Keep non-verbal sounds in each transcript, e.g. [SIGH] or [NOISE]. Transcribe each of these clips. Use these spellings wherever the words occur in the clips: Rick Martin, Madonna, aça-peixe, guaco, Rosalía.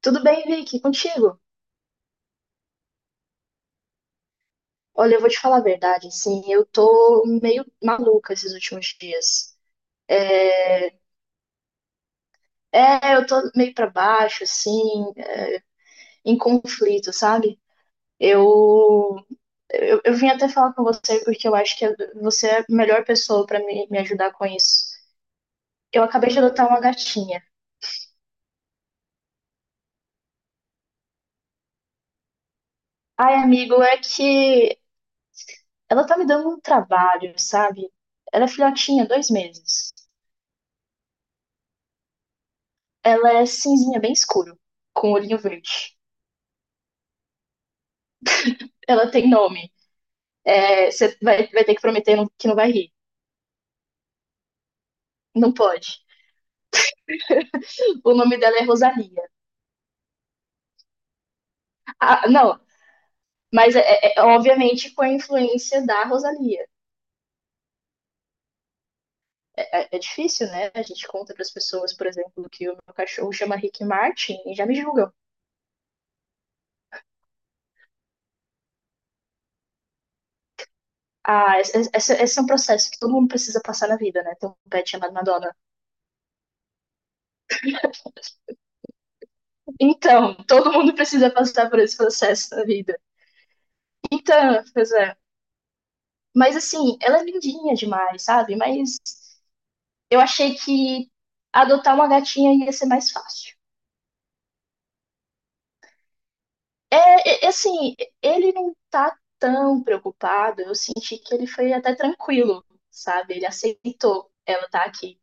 Tudo bem, Vicky? Contigo? Olha, eu vou te falar a verdade, assim, eu tô meio maluca esses últimos dias. É, eu tô meio pra baixo, assim, em conflito, sabe? Eu, eu vim até falar com você porque eu acho que você é a melhor pessoa pra me ajudar com isso. Eu acabei de adotar uma gatinha. Ai, amigo, é que ela tá me dando um trabalho, sabe? Ela é filhotinha, dois meses. Ela é cinzinha, bem escuro, com olhinho verde. Ela tem nome. É, você vai ter que prometer que não vai rir. Não pode. O nome dela é Rosalía. Ah, não, mas é, obviamente com a influência da Rosalía. É difícil, né? A gente conta para as pessoas, por exemplo, que o meu cachorro chama Rick Martin e já me julgam. Ah, esse é um processo que todo mundo precisa passar na vida, né? Tem um pet chamado Madonna. Então, todo mundo precisa passar por esse processo na vida. Então, pois é. Mas assim, ela é lindinha demais, sabe? Mas eu achei que adotar uma gatinha ia ser mais fácil. É, assim, ele não tá tão preocupado, eu senti que ele foi até tranquilo, sabe? Ele aceitou ela tá aqui.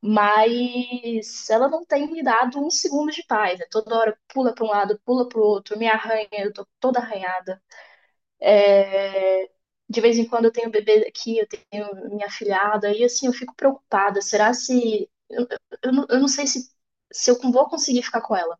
Mas ela não tem me dado um segundo de paz. É toda hora pula para um lado, pula para o outro, me arranha, eu tô toda arranhada. É, de vez em quando eu tenho bebê aqui, eu tenho minha afilhada, e assim, eu fico preocupada. Será se. Eu não sei se eu vou conseguir ficar com ela.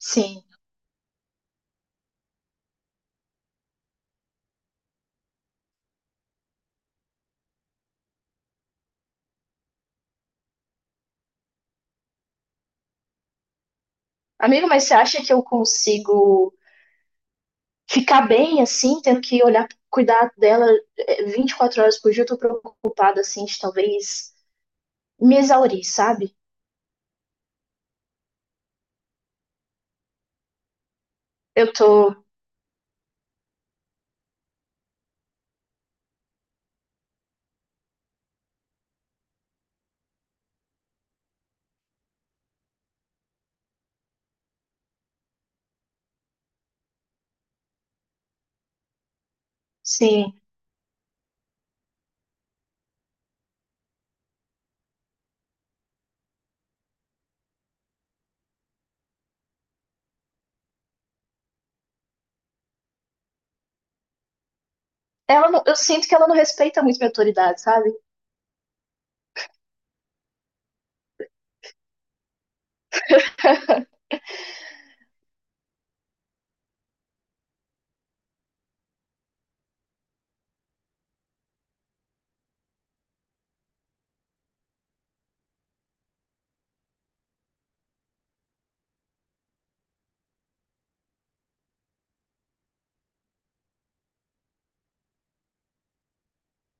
Sim. Amigo, mas você acha que eu consigo ficar bem assim, tendo que olhar, cuidar dela 24 horas por dia? Eu tô preocupada, assim, de talvez me exaurir, sabe? Eu tô. Sim. Ela não- eu sinto que ela não respeita muito minha autoridade, sabe?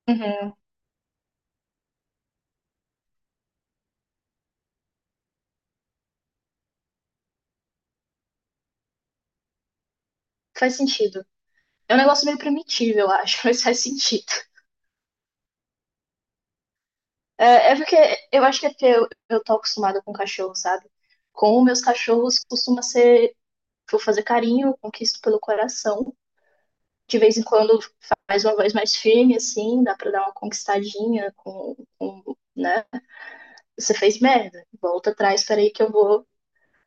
Uhum. Faz sentido. É um negócio meio primitivo, eu acho, [LAUGHS] mas faz sentido. É, é porque eu acho que é porque eu tô acostumada com cachorro, sabe? Com meus cachorros costuma ser, vou fazer carinho, conquisto pelo coração. De vez em quando faz uma voz mais firme, assim, dá pra dar uma conquistadinha com, né? Você fez merda, volta atrás, peraí que eu vou.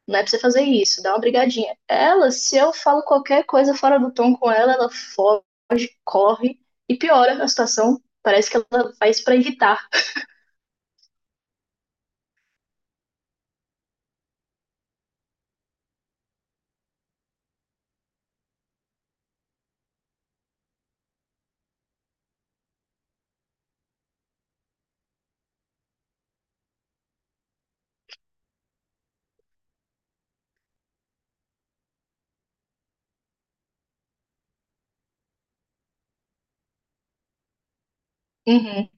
Não é pra você fazer isso, dá uma brigadinha. Ela, se eu falo qualquer coisa fora do tom com ela, ela foge, corre e piora a situação. Parece que ela faz pra irritar. Uhum.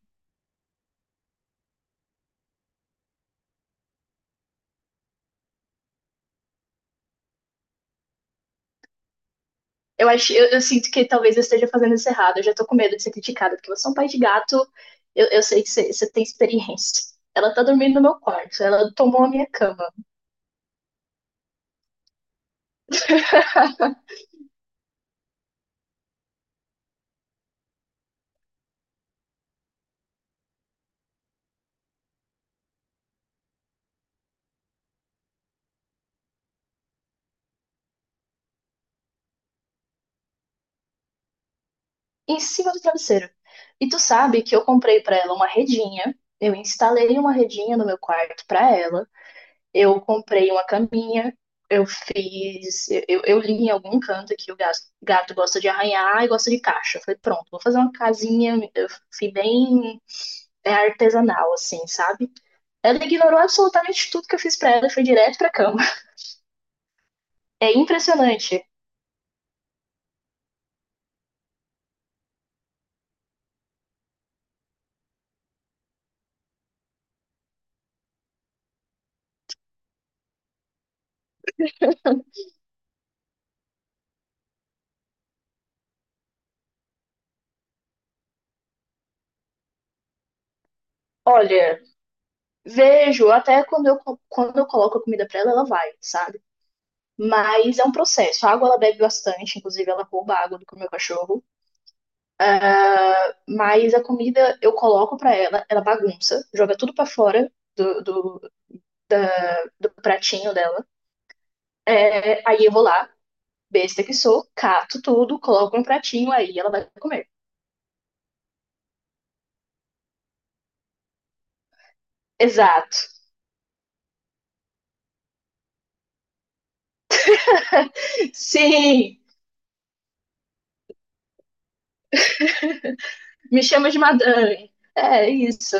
Eu acho, eu sinto que talvez eu esteja fazendo isso errado. Eu já tô com medo de ser criticada, porque você é um pai de gato, eu sei que você tem experiência. Ela tá dormindo no meu quarto, ela tomou a minha cama, em cima do travesseiro. E tu sabe que eu comprei pra ela uma redinha, eu instalei uma redinha no meu quarto pra ela. Eu comprei uma caminha, eu fiz. Eu li em algum canto que o gato gosta de arranhar e gosta de caixa. Eu falei, pronto, vou fazer uma casinha. Eu fui bem artesanal, assim, sabe? Ela ignorou absolutamente tudo que eu fiz pra ela e foi direto pra cama. [LAUGHS] É impressionante. Olha, vejo, até quando quando eu coloco a comida pra ela, ela vai, sabe? Mas é um processo. A água ela bebe bastante, inclusive ela rouba a água do meu cachorro. Mas a comida eu coloco pra ela, ela bagunça, joga tudo pra fora da- do pratinho dela. É, aí eu vou lá, besta que sou, cato tudo, coloco no pratinho, aí ela vai comer. Exato. [LAUGHS] Sim! Me chama de madame. É isso.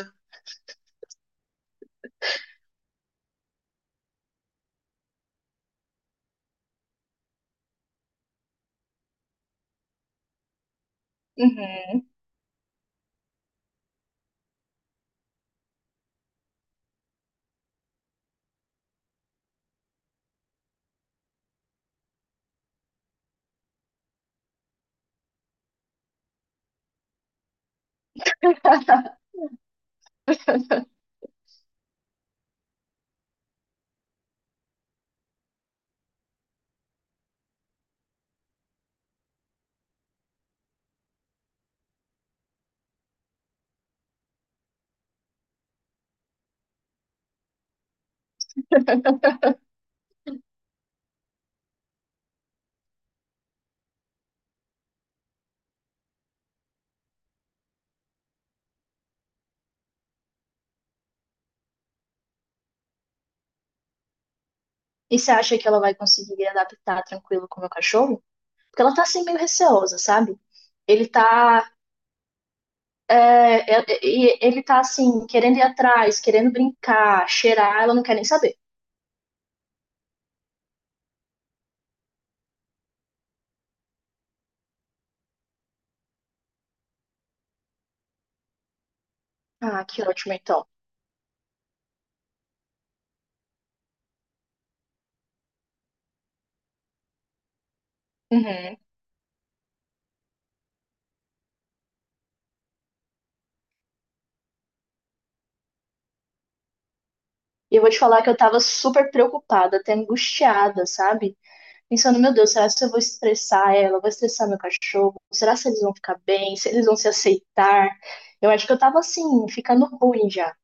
Uhum. E você acha que ela vai conseguir adaptar tranquilo com o meu cachorro? Porque ela tá assim meio receosa, sabe? Ele tá, é, é, e- ele tá assim, querendo ir atrás, querendo brincar, cheirar, ela não quer nem saber. Ah, que ótimo, então. Uhum. E eu vou te falar que eu tava super preocupada, até angustiada, sabe? Pensando, meu Deus, será que eu vou estressar ela? Vou estressar meu cachorro? Será se eles vão ficar bem? Se eles vão se aceitar? Eu acho que eu tava assim, ficando ruim já.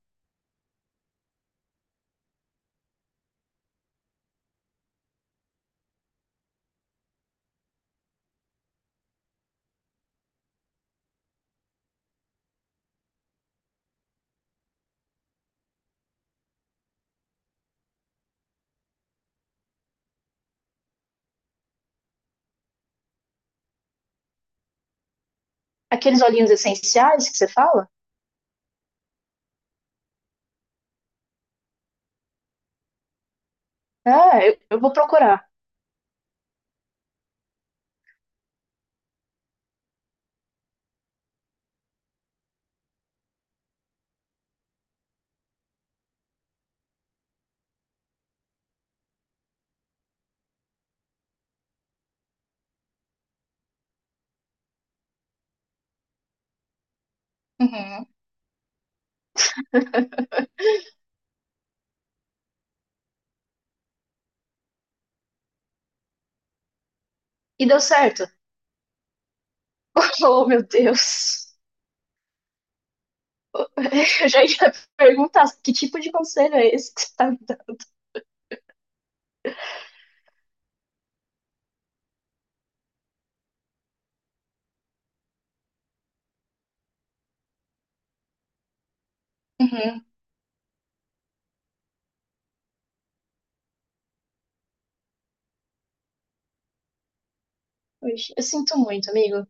Aqueles olhinhos essenciais que você fala? Ah, eu vou procurar. Uhum. E deu certo. [LAUGHS] Oh, meu Deus. [LAUGHS] Eu já ia perguntar que tipo de conselho é esse que você tá me dando? Uhum. Poxa, eu sinto muito, amigo.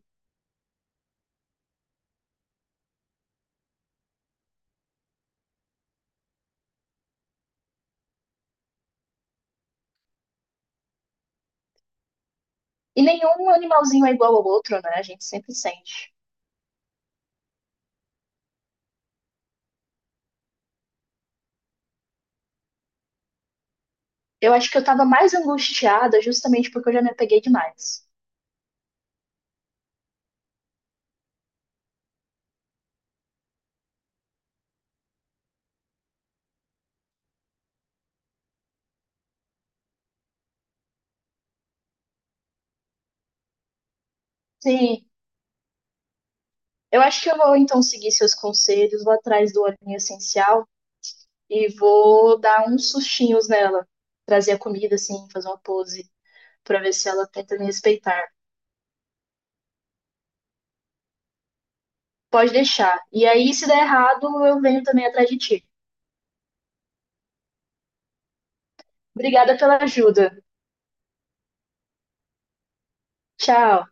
E nenhum animalzinho é igual ao outro, né? A gente sempre sente. Eu acho que eu tava mais angustiada justamente porque eu já me apeguei demais. Sim, eu acho que eu vou então seguir seus conselhos, vou atrás do olhinho essencial e vou dar uns sustinhos nela. Trazer a comida, assim, fazer uma pose pra ver se ela tenta me respeitar. Pode deixar. E aí, se der errado, eu venho também atrás de ti. Obrigada pela ajuda. Tchau.